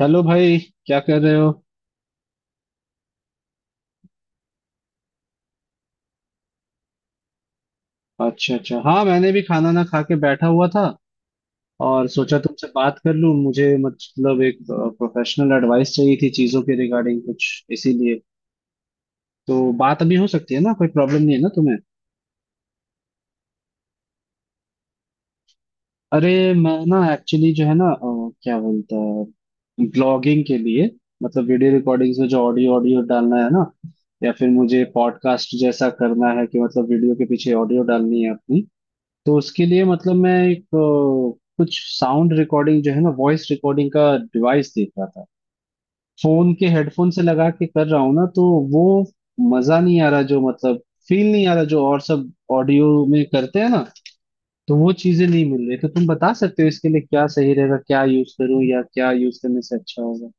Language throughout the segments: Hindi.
चलो भाई। क्या कर रहे हो। अच्छा, अच्छा। हाँ, मैंने भी खाना ना खा के बैठा हुआ था और सोचा तुमसे बात कर लूं। मुझे मतलब एक प्रोफेशनल एडवाइस चाहिए थी चीजों के रिगार्डिंग, कुछ इसीलिए। तो बात अभी हो सकती है ना, कोई प्रॉब्लम नहीं है ना तुम्हें। अरे, मैं ना एक्चुअली जो है ना क्या बोलता है, ब्लॉगिंग के लिए। मतलब वीडियो रिकॉर्डिंग्स में जो ऑडियो ऑडियो डालना है ना, या फिर मुझे पॉडकास्ट जैसा करना है, कि मतलब वीडियो के पीछे ऑडियो डालनी है अपनी। तो उसके लिए मतलब मैं एक कुछ साउंड रिकॉर्डिंग जो है ना, वॉइस रिकॉर्डिंग का डिवाइस देख रहा था। फोन के हेडफोन से लगा के कर रहा हूँ ना, तो वो मजा नहीं आ रहा जो, मतलब फील नहीं आ रहा जो और सब ऑडियो में करते हैं ना। तो वो चीजें नहीं मिल रही। तो तुम बता सकते हो इसके लिए क्या सही रहेगा, क्या यूज करूँ या क्या यूज करने से अच्छा होगा।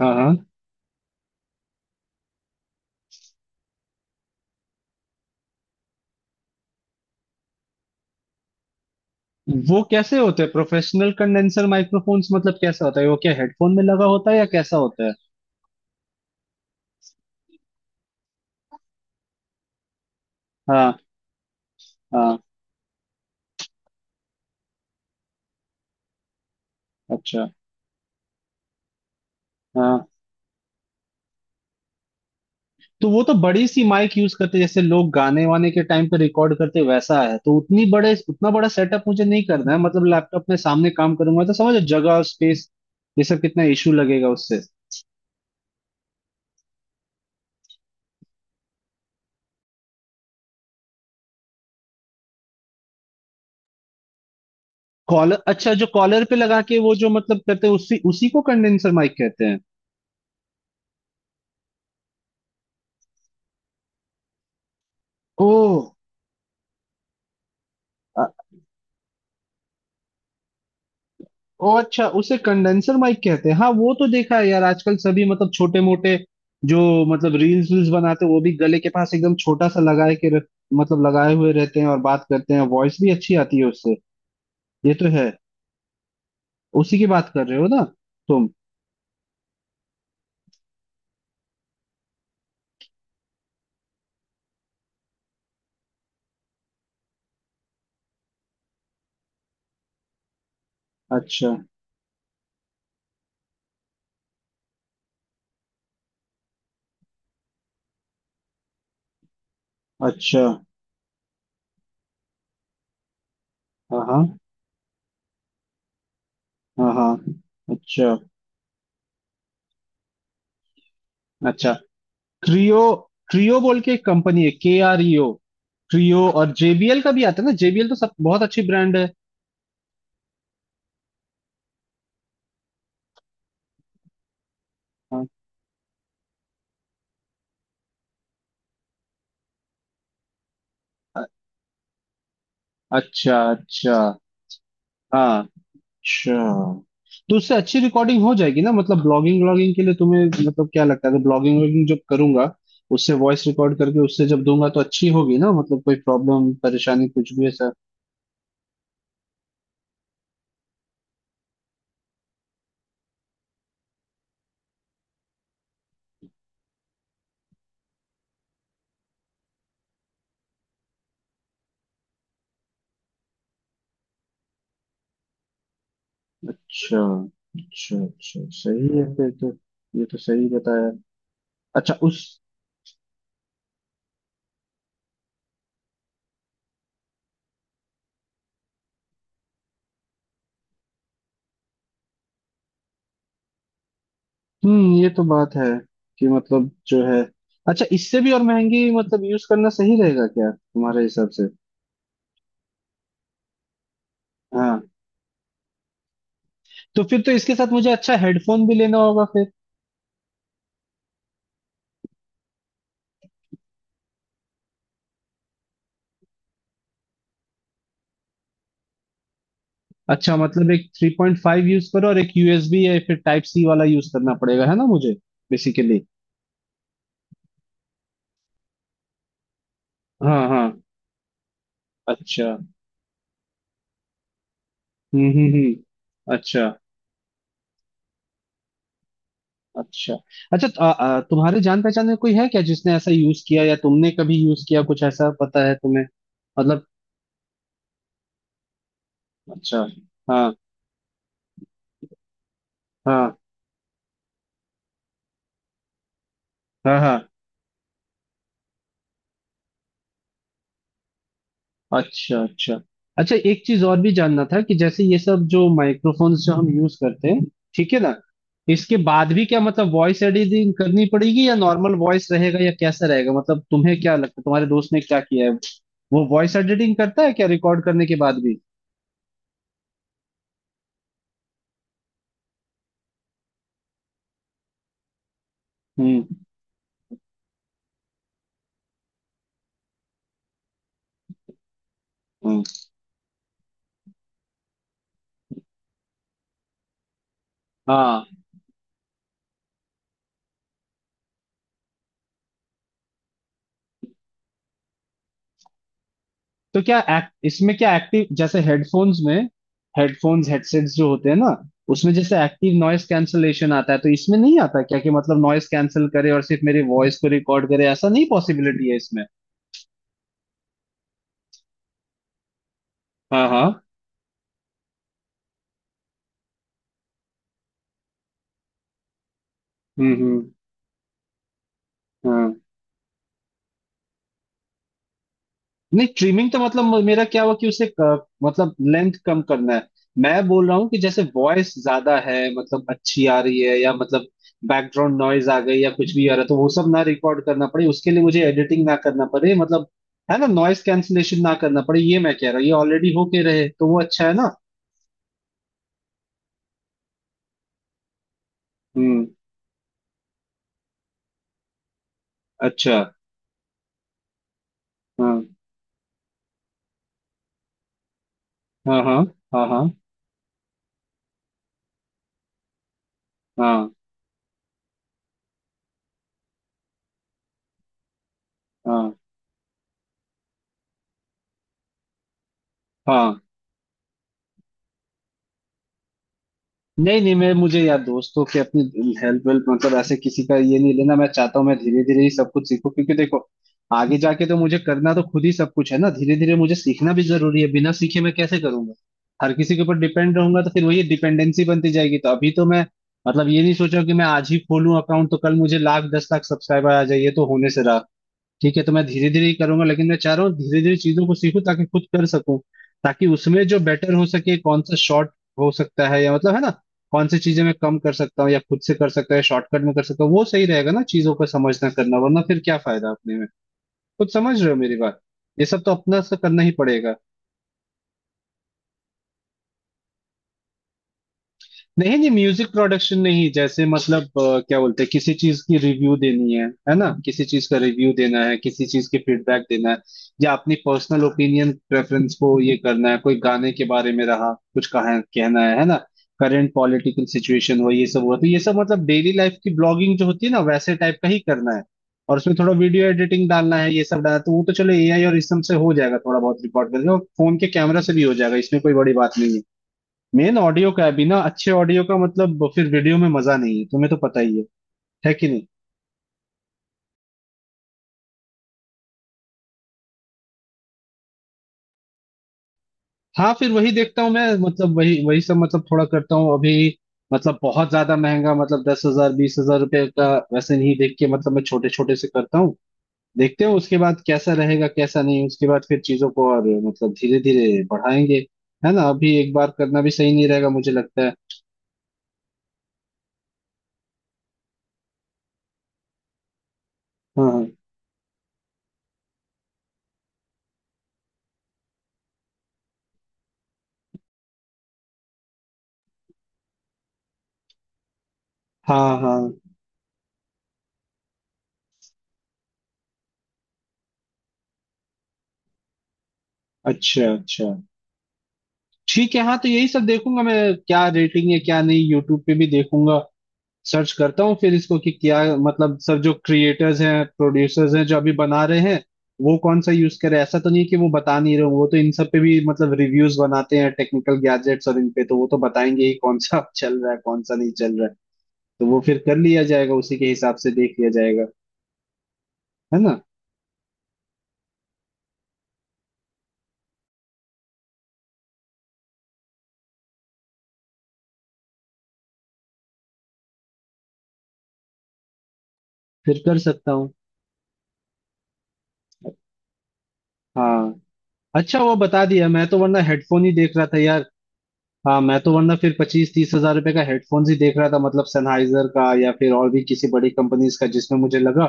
हाँ, हाँ। वो कैसे होते हैं प्रोफेशनल कंडेंसर माइक्रोफोन्स, मतलब कैसा होता है वो, क्या हेडफोन में लगा होता है या कैसा होता है। हाँ, हाँ। अच्छा। हाँ, तो वो तो बड़ी सी माइक यूज करते हैं, जैसे लोग गाने वाने के टाइम पे रिकॉर्ड करते हैं, वैसा है तो उतनी बड़े उतना बड़ा सेटअप मुझे नहीं करना है, मतलब लैपटॉप में सामने काम करूंगा तो समझो जगह और स्पेस ये सब कितना इशू लगेगा उससे। कॉलर, अच्छा, जो कॉलर पे लगा के वो जो मतलब करते हैं उसी उसी को कंडेंसर माइक कहते हैं। ओ। ओ, अच्छा, उसे कंडेंसर माइक कहते हैं। हाँ, वो तो देखा है यार आजकल सभी, मतलब छोटे मोटे जो मतलब रील्स वील्स बनाते हैं, वो भी गले के पास एकदम छोटा सा लगाए के रख, मतलब लगाए हुए रहते हैं और बात करते हैं, वॉइस भी अच्छी आती है उससे। ये तो है। उसी की बात कर रहे हो ना तुम। अच्छा, अच्छा। हाँ, हाँ। हाँ, हाँ। अच्छा, अच्छा। क्रियो, क्रियो बोल के एक कंपनी है, KREO, क्रियो। और JBL का भी आता है ना, JBL तो सब बहुत अच्छी ब्रांड है। हाँ। अ- अच्छा, अच्छा। हाँ, अच्छा, तो उससे अच्छी रिकॉर्डिंग हो जाएगी ना, मतलब ब्लॉगिंग व्लॉगिंग के लिए तुम्हें मतलब क्या लगता है। तो ब्लॉगिंग व्लॉगिंग जब करूंगा, उससे वॉइस रिकॉर्ड करके उससे जब दूंगा तो अच्छी होगी ना, मतलब कोई प्रॉब्लम परेशानी कुछ भी ऐसा। अच्छा, अच्छा। अच्छा, सही है फिर तो। ये तो सही बताया। अच्छा। उस ये तो बात है कि मतलब जो है। अच्छा, इससे भी और महंगी मतलब यूज करना सही रहेगा क्या तुम्हारे हिसाब से। हाँ, तो फिर तो इसके साथ मुझे अच्छा हेडफोन भी लेना होगा फिर। अच्छा, मतलब एक 3.5 यूज करो और एक USB या फिर टाइप सी वाला यूज करना पड़ेगा है ना मुझे, बेसिकली। हाँ, हाँ। अच्छा। हम्म, हम्म, हम्म। अच्छा, अच्छा। अच्छा तो, आ, आ, तुम्हारे जान पहचान में कोई है क्या जिसने ऐसा यूज किया या तुमने कभी यूज किया, कुछ ऐसा पता है तुम्हें। मतलब। अच्छा। हाँ, हाँ। हाँ, हाँ। अच्छा, अच्छा। अच्छा, एक चीज और भी जानना था कि जैसे ये सब जो माइक्रोफोन्स जो हम यूज करते हैं, ठीक है ना, इसके बाद भी क्या मतलब वॉइस एडिटिंग करनी पड़ेगी या नॉर्मल वॉइस रहेगा या कैसा रहेगा, मतलब तुम्हें क्या लगता है, तुम्हारे दोस्त ने क्या किया है, वो वॉइस एडिटिंग करता है क्या रिकॉर्ड करने के बाद भी। हम्म, हम्म। हाँ, तो क्या इसमें क्या एक्टिव, जैसे हेडफोन्स में, हेडफोन्स हेडसेट्स जो होते हैं ना, उसमें जैसे एक्टिव नॉइस कैंसलेशन आता है, तो इसमें नहीं आता क्या कि मतलब नॉइस कैंसिल करे और सिर्फ मेरी वॉइस को रिकॉर्ड करे, ऐसा नहीं पॉसिबिलिटी है इसमें। हाँ, हाँ। हम्म, हम्म। हाँ, नहीं ट्रिमिंग तो मतलब मेरा क्या हुआ कि उसे मतलब लेंथ कम करना है। मैं बोल रहा हूँ कि जैसे वॉइस ज्यादा है, मतलब अच्छी आ रही है, या मतलब बैकग्राउंड नॉइज आ गई या कुछ भी आ रहा है तो वो सब ना रिकॉर्ड करना पड़े, उसके लिए मुझे एडिटिंग ना करना पड़े, मतलब है ना, नॉइस कैंसलेशन ना करना पड़े, ये मैं कह रहा हूँ। ये ऑलरेडी होके रहे तो वो अच्छा है ना। हम्म। अच्छा। हाँ, हाँ। हाँ, हाँ। हाँ, हाँ। हाँ, हाँ। नहीं, नहीं। मैं, मुझे यार दोस्तों के अपनी हेल्प वेल्प मतलब ऐसे किसी का ये नहीं लेना। मैं चाहता हूँ मैं धीरे धीरे ही सब कुछ सीखूं, क्योंकि देखो आगे जाके तो मुझे करना तो खुद ही सब कुछ है ना। धीरे धीरे मुझे सीखना भी जरूरी है, बिना सीखे मैं कैसे करूंगा। हर किसी के ऊपर डिपेंड रहूंगा तो फिर वही डिपेंडेंसी बनती जाएगी। तो अभी तो मैं मतलब ये नहीं सोचा कि मैं आज ही खोलूं अकाउंट तो कल मुझे लाख 10 लाख सब्सक्राइबर आ जाए, ये तो होने से रहा। ठीक है, तो मैं धीरे धीरे ही करूंगा, लेकिन मैं चाह रहा हूँ धीरे धीरे चीजों को सीखूं ताकि खुद कर सकूं। ताकि उसमें जो बेटर हो सके, कौन सा शॉर्ट हो सकता है, या मतलब है ना, कौन सी चीजें मैं कम कर सकता हूँ या खुद से कर सकता है, शॉर्टकट में कर सकता हूँ, वो सही रहेगा ना, चीजों का समझना करना वरना फिर क्या फायदा अपने में। खुद समझ रहे हो मेरी बात। ये सब तो अपना से करना ही पड़ेगा। नहीं, नहीं, म्यूजिक प्रोडक्शन नहीं, जैसे मतलब क्या बोलते हैं, किसी चीज की रिव्यू देनी है ना, किसी चीज का रिव्यू देना है, किसी चीज की फीडबैक देना है, या अपनी पर्सनल ओपिनियन प्रेफरेंस को ये करना है, कोई गाने के बारे में रहा कुछ कहा कहना है ना, करंट पॉलिटिकल सिचुएशन हो, ये सब हुआ, तो ये सब मतलब डेली लाइफ की ब्लॉगिंग जो होती है ना, वैसे टाइप का ही करना है। और उसमें थोड़ा वीडियो एडिटिंग डालना है, ये सब डालना है, तो वो तो चलो AI और इस सब से हो जाएगा, थोड़ा बहुत रिकॉर्ड करके, और फोन के कैमरा से भी हो जाएगा, इसमें कोई बड़ी बात नहीं है। मेन ऑडियो का है, बिना अच्छे ऑडियो का मतलब फिर वीडियो में मजा नहीं है, तुम्हें तो पता ही है कि नहीं। हाँ, फिर वही देखता हूँ मैं, मतलब वही वही सब मतलब थोड़ा करता हूँ अभी। मतलब बहुत ज्यादा महंगा, मतलब 10 हजार 20 हजार रुपये का वैसे नहीं देख के, मतलब मैं छोटे छोटे से करता हूँ। देखते हैं उसके बाद कैसा रहेगा कैसा नहीं, उसके बाद फिर चीजों को और मतलब धीरे धीरे बढ़ाएंगे, है ना। अभी एक बार करना भी सही नहीं रहेगा मुझे लगता है। हाँ, हाँ। हाँ, हाँ। अच्छा, अच्छा। ठीक है। हाँ, तो यही सब देखूंगा मैं, क्या रेटिंग है क्या नहीं। यूट्यूब पे भी देखूंगा, सर्च करता हूँ फिर इसको कि क्या मतलब सब जो क्रिएटर्स हैं प्रोड्यूसर्स हैं जो अभी बना रहे हैं वो कौन सा यूज करे। ऐसा तो नहीं है कि वो बता नहीं रहे हों, वो तो इन सब पे भी मतलब रिव्यूज बनाते हैं टेक्निकल गैजेट्स और इन पे, तो वो तो बताएंगे ही कौन सा चल रहा है कौन सा नहीं चल रहा है। तो वो फिर कर लिया जाएगा, उसी के हिसाब से देख लिया जाएगा, है ना, फिर कर सकता हूँ। हाँ, अच्छा, वो बता दिया मैं, तो वरना हेडफोन ही देख रहा था यार। हाँ, मैं तो वरना फिर 25-30 हजार रुपए का हेडफोन्स ही देख रहा था, मतलब सनहाइजर का या फिर और भी किसी बड़ी कंपनीज का जिसमें मुझे लगा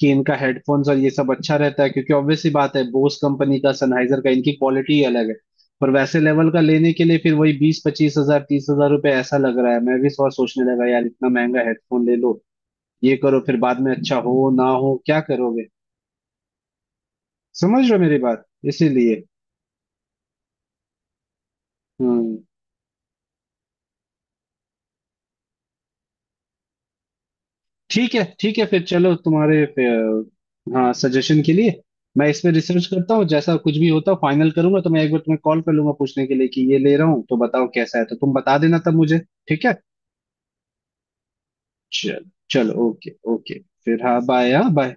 कि इनका हेडफोन्स और ये सब अच्छा रहता है, क्योंकि ऑब्वियस सी बात है, बोस कंपनी का, सनहाइजर का, इनकी क्वालिटी ही अलग है। पर वैसे लेवल का लेने के लिए फिर वही 20-25-30 हजार रुपए, ऐसा लग रहा है। मैं भी और सोचने लगा यार इतना महंगा हेडफोन ले लो, ये करो, फिर बाद में अच्छा हो ना हो क्या करोगे। समझ रहे हो मेरी बात, इसीलिए। हम्म। ठीक है, ठीक है, फिर चलो। तुम्हारे हाँ, सजेशन के लिए मैं इसमें रिसर्च करता हूँ, जैसा कुछ भी होता फाइनल करूंगा तो मैं एक बार तुम्हें कॉल कर लूंगा पूछने के लिए कि ये ले रहा हूँ तो बताओ कैसा है, तो तुम बता देना तब मुझे। ठीक है। चलो, चलो। Okay, okay. फिर हाँ बाय, हाँ बाय।